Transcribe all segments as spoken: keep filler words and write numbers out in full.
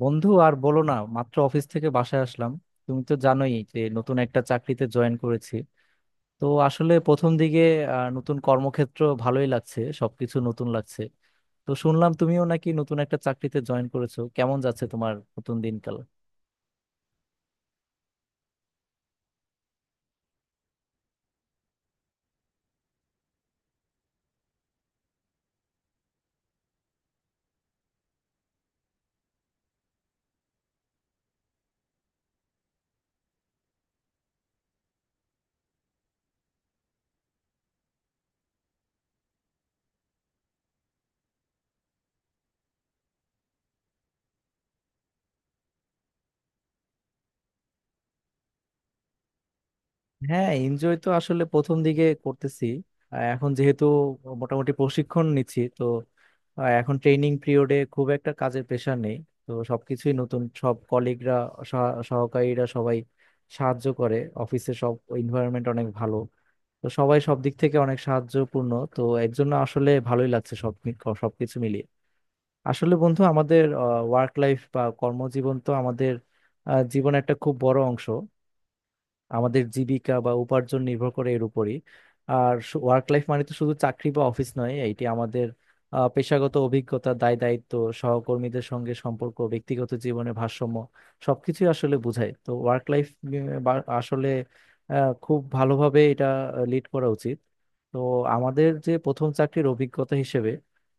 বন্ধু, আর বলো না, মাত্র অফিস থেকে বাসায় আসলাম। তুমি তো জানোই যে নতুন একটা চাকরিতে জয়েন করেছি। তো আসলে প্রথম দিকে আহ, নতুন কর্মক্ষেত্র ভালোই লাগছে, সবকিছু নতুন লাগছে। তো শুনলাম তুমিও নাকি নতুন একটা চাকরিতে জয়েন করেছো, কেমন যাচ্ছে তোমার নতুন দিনকাল? হ্যাঁ, এনজয় তো আসলে প্রথম দিকে করতেছি। আহ, এখন যেহেতু মোটামুটি প্রশিক্ষণ নিচ্ছি তো আহ, এখন ট্রেনিং পিরিয়ডে খুব একটা কাজের প্রেশার নেই। তো সবকিছুই নতুন, সব কলিগরা, সহকারীরা সবাই সাহায্য করে, অফিসে সব এনভায়রনমেন্ট অনেক ভালো। তো সবাই সব দিক থেকে অনেক সাহায্যপূর্ণ। তো এর জন্য আসলে ভালোই লাগছে, সব মি- সবকিছু মিলিয়ে। আসলে বন্ধু, আমাদের ওয়ার্ক লাইফ বা কর্মজীবন তো আমাদের আহ, জীবনের একটা খুব বড় অংশ, আমাদের জীবিকা বা উপার্জন নির্ভর করে এর উপরই। আর ওয়ার্ক লাইফ মানে তো শুধু চাকরি বা অফিস নয়, এটি আমাদের আহ, পেশাগত অভিজ্ঞতা, দায় দায়িত্ব, সহকর্মীদের সঙ্গে সম্পর্ক, ব্যক্তিগত জীবনের ভারসাম্য, সবকিছুই আসলে বোঝায় তো ওয়ার্ক লাইফ। আসলে আহ, খুব ভালোভাবে এটা লিড করা উচিত। তো আমাদের যে প্রথম চাকরির অভিজ্ঞতা হিসেবে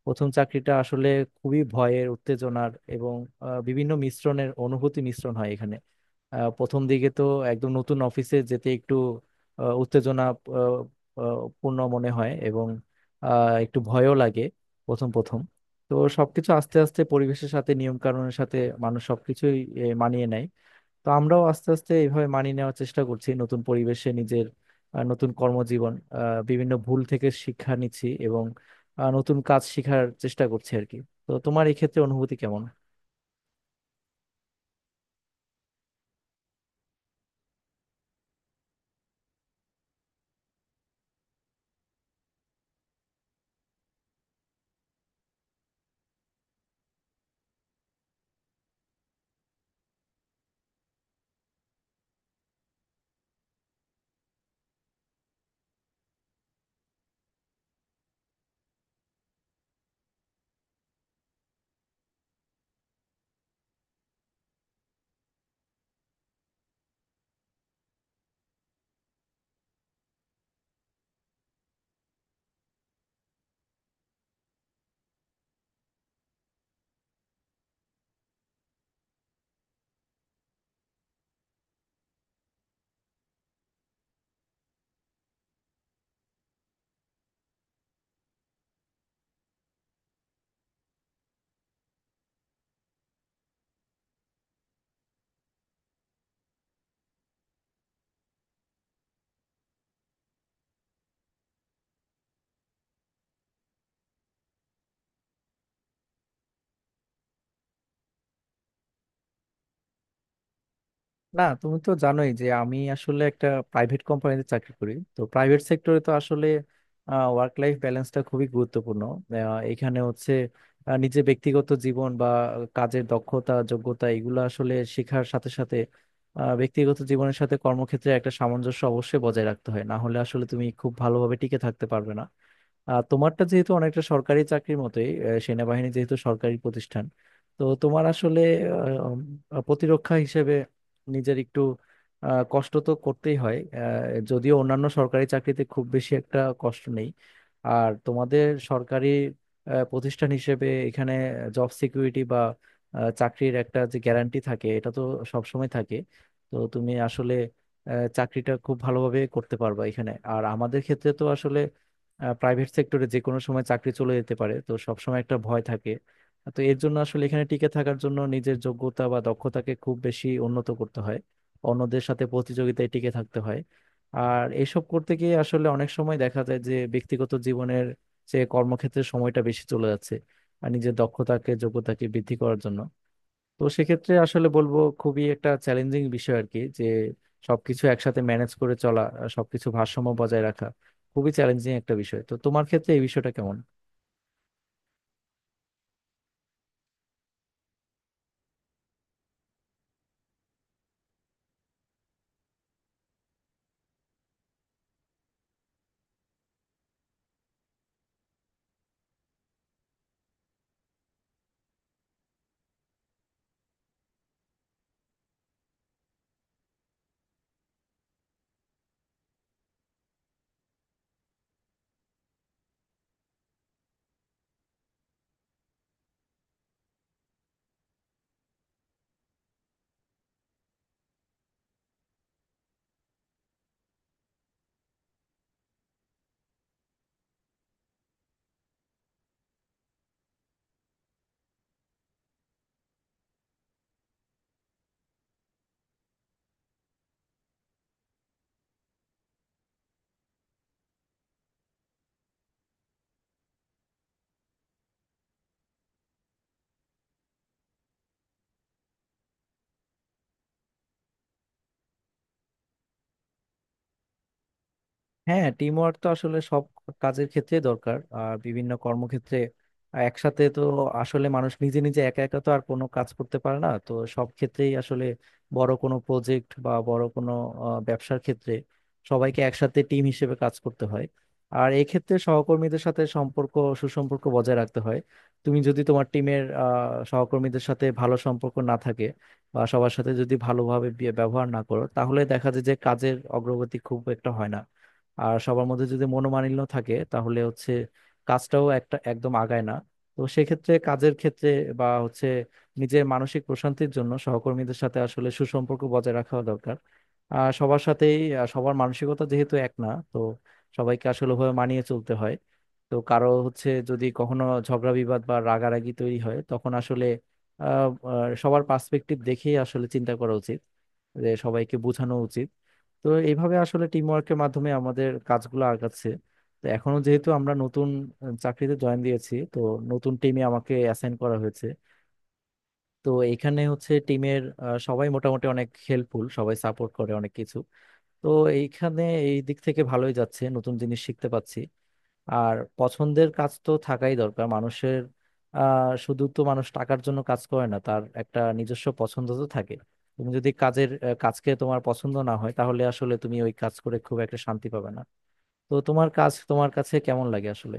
প্রথম চাকরিটা আসলে খুবই ভয়ের, উত্তেজনার এবং আহ, বিভিন্ন মিশ্রণের অনুভূতি মিশ্রণ হয় এখানে। আহ, প্রথম দিকে তো একদম নতুন অফিসে যেতে একটু আহ, উত্তেজনা আহ, আহ, পূর্ণ মনে হয় এবং আহ, একটু ভয়ও লাগে প্রথম প্রথম। তো সবকিছু আস্তে আস্তে পরিবেশের সাথে, নিয়ম কানুনের সাথে মানুষ সবকিছুই এ, মানিয়ে নেয়। তো আমরাও আস্তে আস্তে এইভাবে মানিয়ে নেওয়ার চেষ্টা করছি নতুন পরিবেশে নিজের আহ, নতুন কর্মজীবন, আহ, বিভিন্ন ভুল থেকে শিক্ষা নিচ্ছি এবং আহ, নতুন কাজ শেখার চেষ্টা করছি আর কি। তো তোমার এই ক্ষেত্রে অনুভূতি কেমন? না, তুমি তো জানোই যে আমি আসলে একটা প্রাইভেট কোম্পানিতে চাকরি করি। তো প্রাইভেট সেক্টরে তো আসলে ওয়ার্ক লাইফ ব্যালেন্সটা খুবই গুরুত্বপূর্ণ। আহ, এখানে হচ্ছে আহ, নিজের ব্যক্তিগত জীবন বা কাজের দক্ষতা, যোগ্যতা এগুলো আসলে শেখার সাথে সাথে আহ, ব্যক্তিগত জীবনের সাথে কর্মক্ষেত্রে একটা সামঞ্জস্য অবশ্যই বজায় রাখতে হয়, না হলে আসলে তুমি খুব ভালোভাবে টিকে থাকতে পারবে না। আহ, তোমারটা যেহেতু অনেকটা সরকারি চাকরির মতোই, আহ, সেনাবাহিনী যেহেতু সরকারি প্রতিষ্ঠান, তো তোমার আসলে আহ, উম, প্রতিরক্ষা হিসেবে নিজের একটু আহ, কষ্ট তো করতেই হয়। আহ, যদিও অন্যান্য সরকারি চাকরিতে খুব বেশি একটা কষ্ট নেই। আর তোমাদের সরকারি আহ, প্রতিষ্ঠান হিসেবে এখানে জব সিকিউরিটি বা আহ, চাকরির একটা যে গ্যারান্টি থাকে এটা তো সবসময় থাকে। তো তুমি আসলে আহ, চাকরিটা খুব ভালোভাবে করতে পারবা এখানে। আর আমাদের ক্ষেত্রে তো আসলে প্রাইভেট সেক্টরে যে কোনো সময় চাকরি চলে যেতে পারে, তো সবসময় একটা ভয় থাকে। তো এর জন্য আসলে এখানে টিকে থাকার জন্য নিজের যোগ্যতা বা দক্ষতাকে খুব বেশি উন্নত করতে হয়, অন্যদের সাথে প্রতিযোগিতায় টিকে থাকতে হয়। আর এসব করতে গিয়ে আসলে অনেক সময় দেখা যায় যে ব্যক্তিগত জীবনের যে কর্মক্ষেত্রে সময়টা বেশি চলে যাচ্ছে আর নিজের দক্ষতাকে, যোগ্যতাকে বৃদ্ধি করার জন্য। তো সেক্ষেত্রে আসলে বলবো, খুবই একটা চ্যালেঞ্জিং বিষয় আর কি, যে সবকিছু একসাথে ম্যানেজ করে চলা আর সবকিছু ভারসাম্য বজায় রাখা, খুবই চ্যালেঞ্জিং একটা বিষয়। তো তোমার ক্ষেত্রে এই বিষয়টা কেমন? হ্যাঁ, টিম ওয়ার্ক তো আসলে সব কাজের ক্ষেত্রে দরকার। আর বিভিন্ন কর্মক্ষেত্রে একসাথে তো আসলে মানুষ নিজে নিজে একা একা তো আর কোনো কাজ করতে পারে না। তো সব ক্ষেত্রেই আসলে বড় কোনো প্রজেক্ট বা বড় কোনো আহ, ব্যবসার ক্ষেত্রে সবাইকে একসাথে টিম হিসেবে কাজ করতে হয়। আর এক্ষেত্রে সহকর্মীদের সাথে সম্পর্ক, সুসম্পর্ক বজায় রাখতে হয়। তুমি যদি তোমার টিমের সহকর্মীদের সাথে ভালো সম্পর্ক না থাকে বা সবার সাথে যদি ভালোভাবে বি- ব্যবহার না করো, তাহলে দেখা যায় যে কাজের অগ্রগতি খুব একটা হয় না। আর সবার মধ্যে যদি মনোমালিন্য থাকে তাহলে হচ্ছে কাজটাও একটা একদম আগায় না। তো সেক্ষেত্রে কাজের ক্ষেত্রে বা হচ্ছে নিজের মানসিক প্রশান্তির জন্য সহকর্মীদের সাথে আসলে সুসম্পর্ক বজায় রাখা দরকার। আর সবার সাথেই আহ, সবার মানসিকতা যেহেতু এক না, তো সবাইকে আসলে ওভাবে মানিয়ে চলতে হয়। তো কারো হচ্ছে যদি কখনো ঝগড়া বিবাদ বা রাগারাগি তৈরি হয়, তখন আসলে আহ আহ, সবার পার্সপেক্টিভ দেখেই আসলে চিন্তা করা উচিত, যে সবাইকে বোঝানো উচিত। তো এইভাবে আসলে টিম ওয়ার্কের মাধ্যমে আমাদের কাজগুলো আগাচ্ছে। তো এখনো যেহেতু আমরা নতুন আহ, চাকরিতে জয়েন দিয়েছি, তো নতুন টিমে আমাকে অ্যাসাইন করা হয়েছে। তো এখানে হচ্ছে টিমের সবাই মোটামুটি অনেক হেল্পফুল, সবাই সাপোর্ট করে অনেক কিছু। তো এইখানে এই দিক থেকে ভালোই যাচ্ছে, নতুন জিনিস শিখতে পাচ্ছি। আর পছন্দের কাজ তো থাকাই দরকার মানুষের। আহ শুধু তো মানুষ টাকার জন্য কাজ করে না, তার একটা নিজস্ব পছন্দ তো থাকে। তুমি যদি কাজের আহ, কাজকে তোমার পছন্দ না হয়, তাহলে আসলে তুমি ওই কাজ করে খুব একটা শান্তি পাবে না। তো তোমার কাজ তোমার কাছে কেমন লাগে আসলে?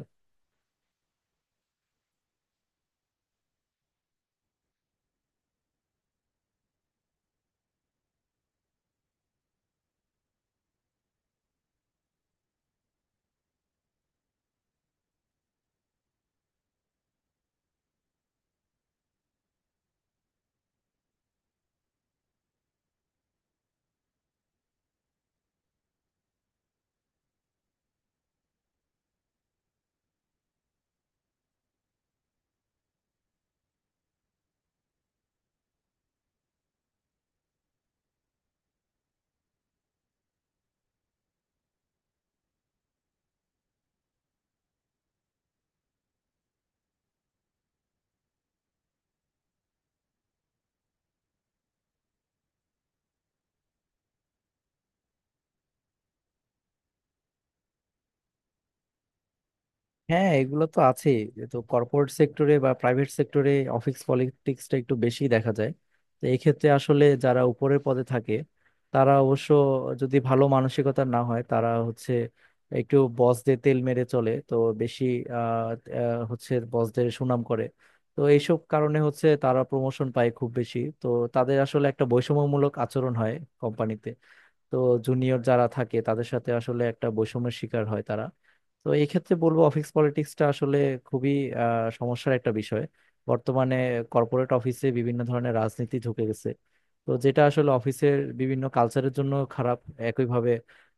হ্যাঁ, এগুলো তো আছে। তো কর্পোরেট সেক্টরে বা প্রাইভেট সেক্টরে অফিস পলিটিক্সটা একটু বেশি দেখা যায়। তো এক্ষেত্রে আসলে যারা উপরের পদে থাকে তারা অবশ্য যদি ভালো মানসিকতার না হয়, তারা হচ্ছে একটু বসদের তেল মেরে চলে তো বেশি আহ, আহ, হচ্ছে বসদের সুনাম করে। তো এইসব কারণে হচ্ছে তারা প্রমোশন পায় খুব বেশি, তো তাদের আসলে একটা বৈষম্যমূলক আচরণ হয় কোম্পানিতে। তো জুনিয়র যারা থাকে তাদের সাথে আসলে একটা বৈষম্যের শিকার হয় তারা। তো এই ক্ষেত্রে বলবো, অফিস পলিটিক্সটা আসলে খুবই আহ, সমস্যার একটা বিষয়। বর্তমানে কর্পোরেট অফিসে বিভিন্ন ধরনের রাজনীতি ঢুকে গেছে, তো যেটা আসলে অফিসের বিভিন্ন কালচারের জন্য খারাপ। একইভাবে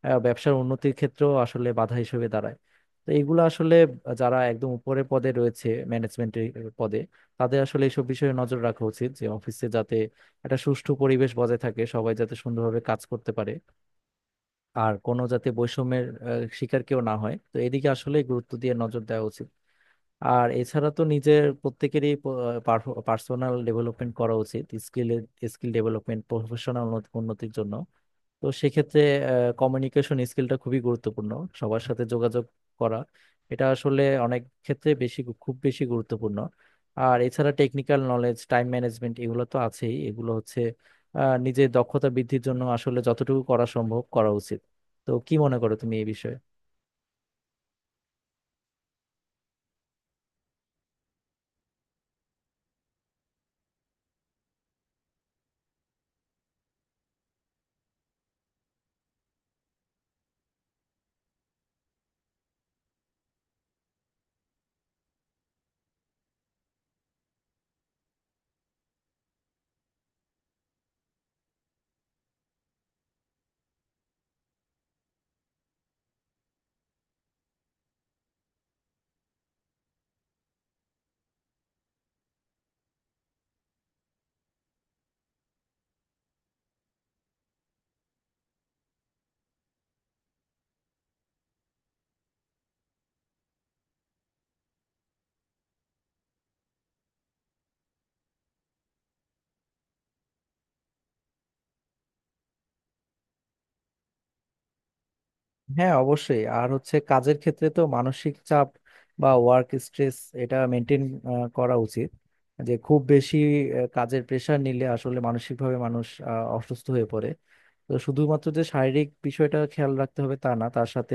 আহ, ব্যবসার উন্নতির ক্ষেত্রেও আসলে বাধা হিসেবে দাঁড়ায়। তো এইগুলো আসলে যারা একদম উপরের পদে রয়েছে ম্যানেজমেন্টের পদে, তাদের আসলে এইসব বিষয়ে নজর রাখা উচিত, যে অফিসে যাতে একটা সুষ্ঠু পরিবেশ বজায় থাকে, সবাই যাতে সুন্দরভাবে কাজ করতে পারে, আর কোনো যাতে বৈষম্যের আহ, শিকার কেউ না হয়। তো এদিকে আসলে গুরুত্ব দিয়ে নজর দেওয়া উচিত। আর এছাড়া তো নিজের প্রত্যেকেরই পার্সোনাল ডেভেলপমেন্ট করা উচিত, স্কিল স্কিল ডেভেলপমেন্ট প্রফেশনাল উন্নতির জন্য। তো সেক্ষেত্রে কমিউনিকেশন স্কিলটা খুবই গুরুত্বপূর্ণ, সবার সাথে যোগাযোগ করা, এটা আসলে অনেক ক্ষেত্রে বেশি গু- খুব বেশি গুরুত্বপূর্ণ। আর এছাড়া টেকনিক্যাল নলেজ, টাইম ম্যানেজমেন্ট, এগুলো তো আছেই, এগুলো হচ্ছে আহ, নিজের দক্ষতা বৃদ্ধির জন্য আসলে যতটুকু করা সম্ভব করা উচিত। তো কি মনে করো তুমি এই বিষয়ে? হ্যাঁ, অবশ্যই। আর হচ্ছে কাজের ক্ষেত্রে তো মানসিক চাপ বা ওয়ার্ক স্ট্রেস এটা মেনটেন করা উচিত। যে খুব বেশি আহ, কাজের প্রেশার নিলে আসলে মানসিকভাবে মানুষ আহ, অসুস্থ হয়ে পড়ে। তো শুধুমাত্র যে শারীরিক বিষয়টা খেয়াল রাখতে হবে তা না, তার সাথে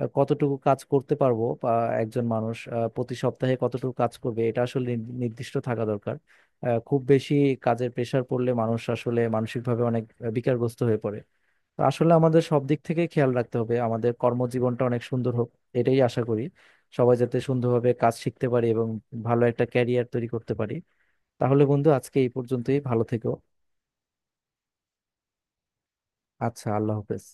আহ, কতটুকু কাজ করতে পারবো বা একজন মানুষ আহ, প্রতি সপ্তাহে কতটুকু কাজ করবে এটা আসলে নির- নির্দিষ্ট থাকা দরকার। আহ, খুব বেশি কাজের প্রেশার পড়লে মানুষ আসলে মানসিকভাবে অনেক আহ, বিকারগ্রস্ত হয়ে পড়ে। তো আসলে আমাদের সব দিক থেকে খেয়াল রাখতে হবে, আমাদের কর্মজীবনটা অনেক সুন্দর হোক এটাই আশা করি। সবাই যাতে সুন্দরভাবে কাজ শিখতে পারি এবং ভালো একটা ক্যারিয়ার তৈরি করতে পারি। তাহলে বন্ধু, আজকে এই পর্যন্তই, ভালো থেকো। আচ্ছা, আল্লাহ হাফেজ।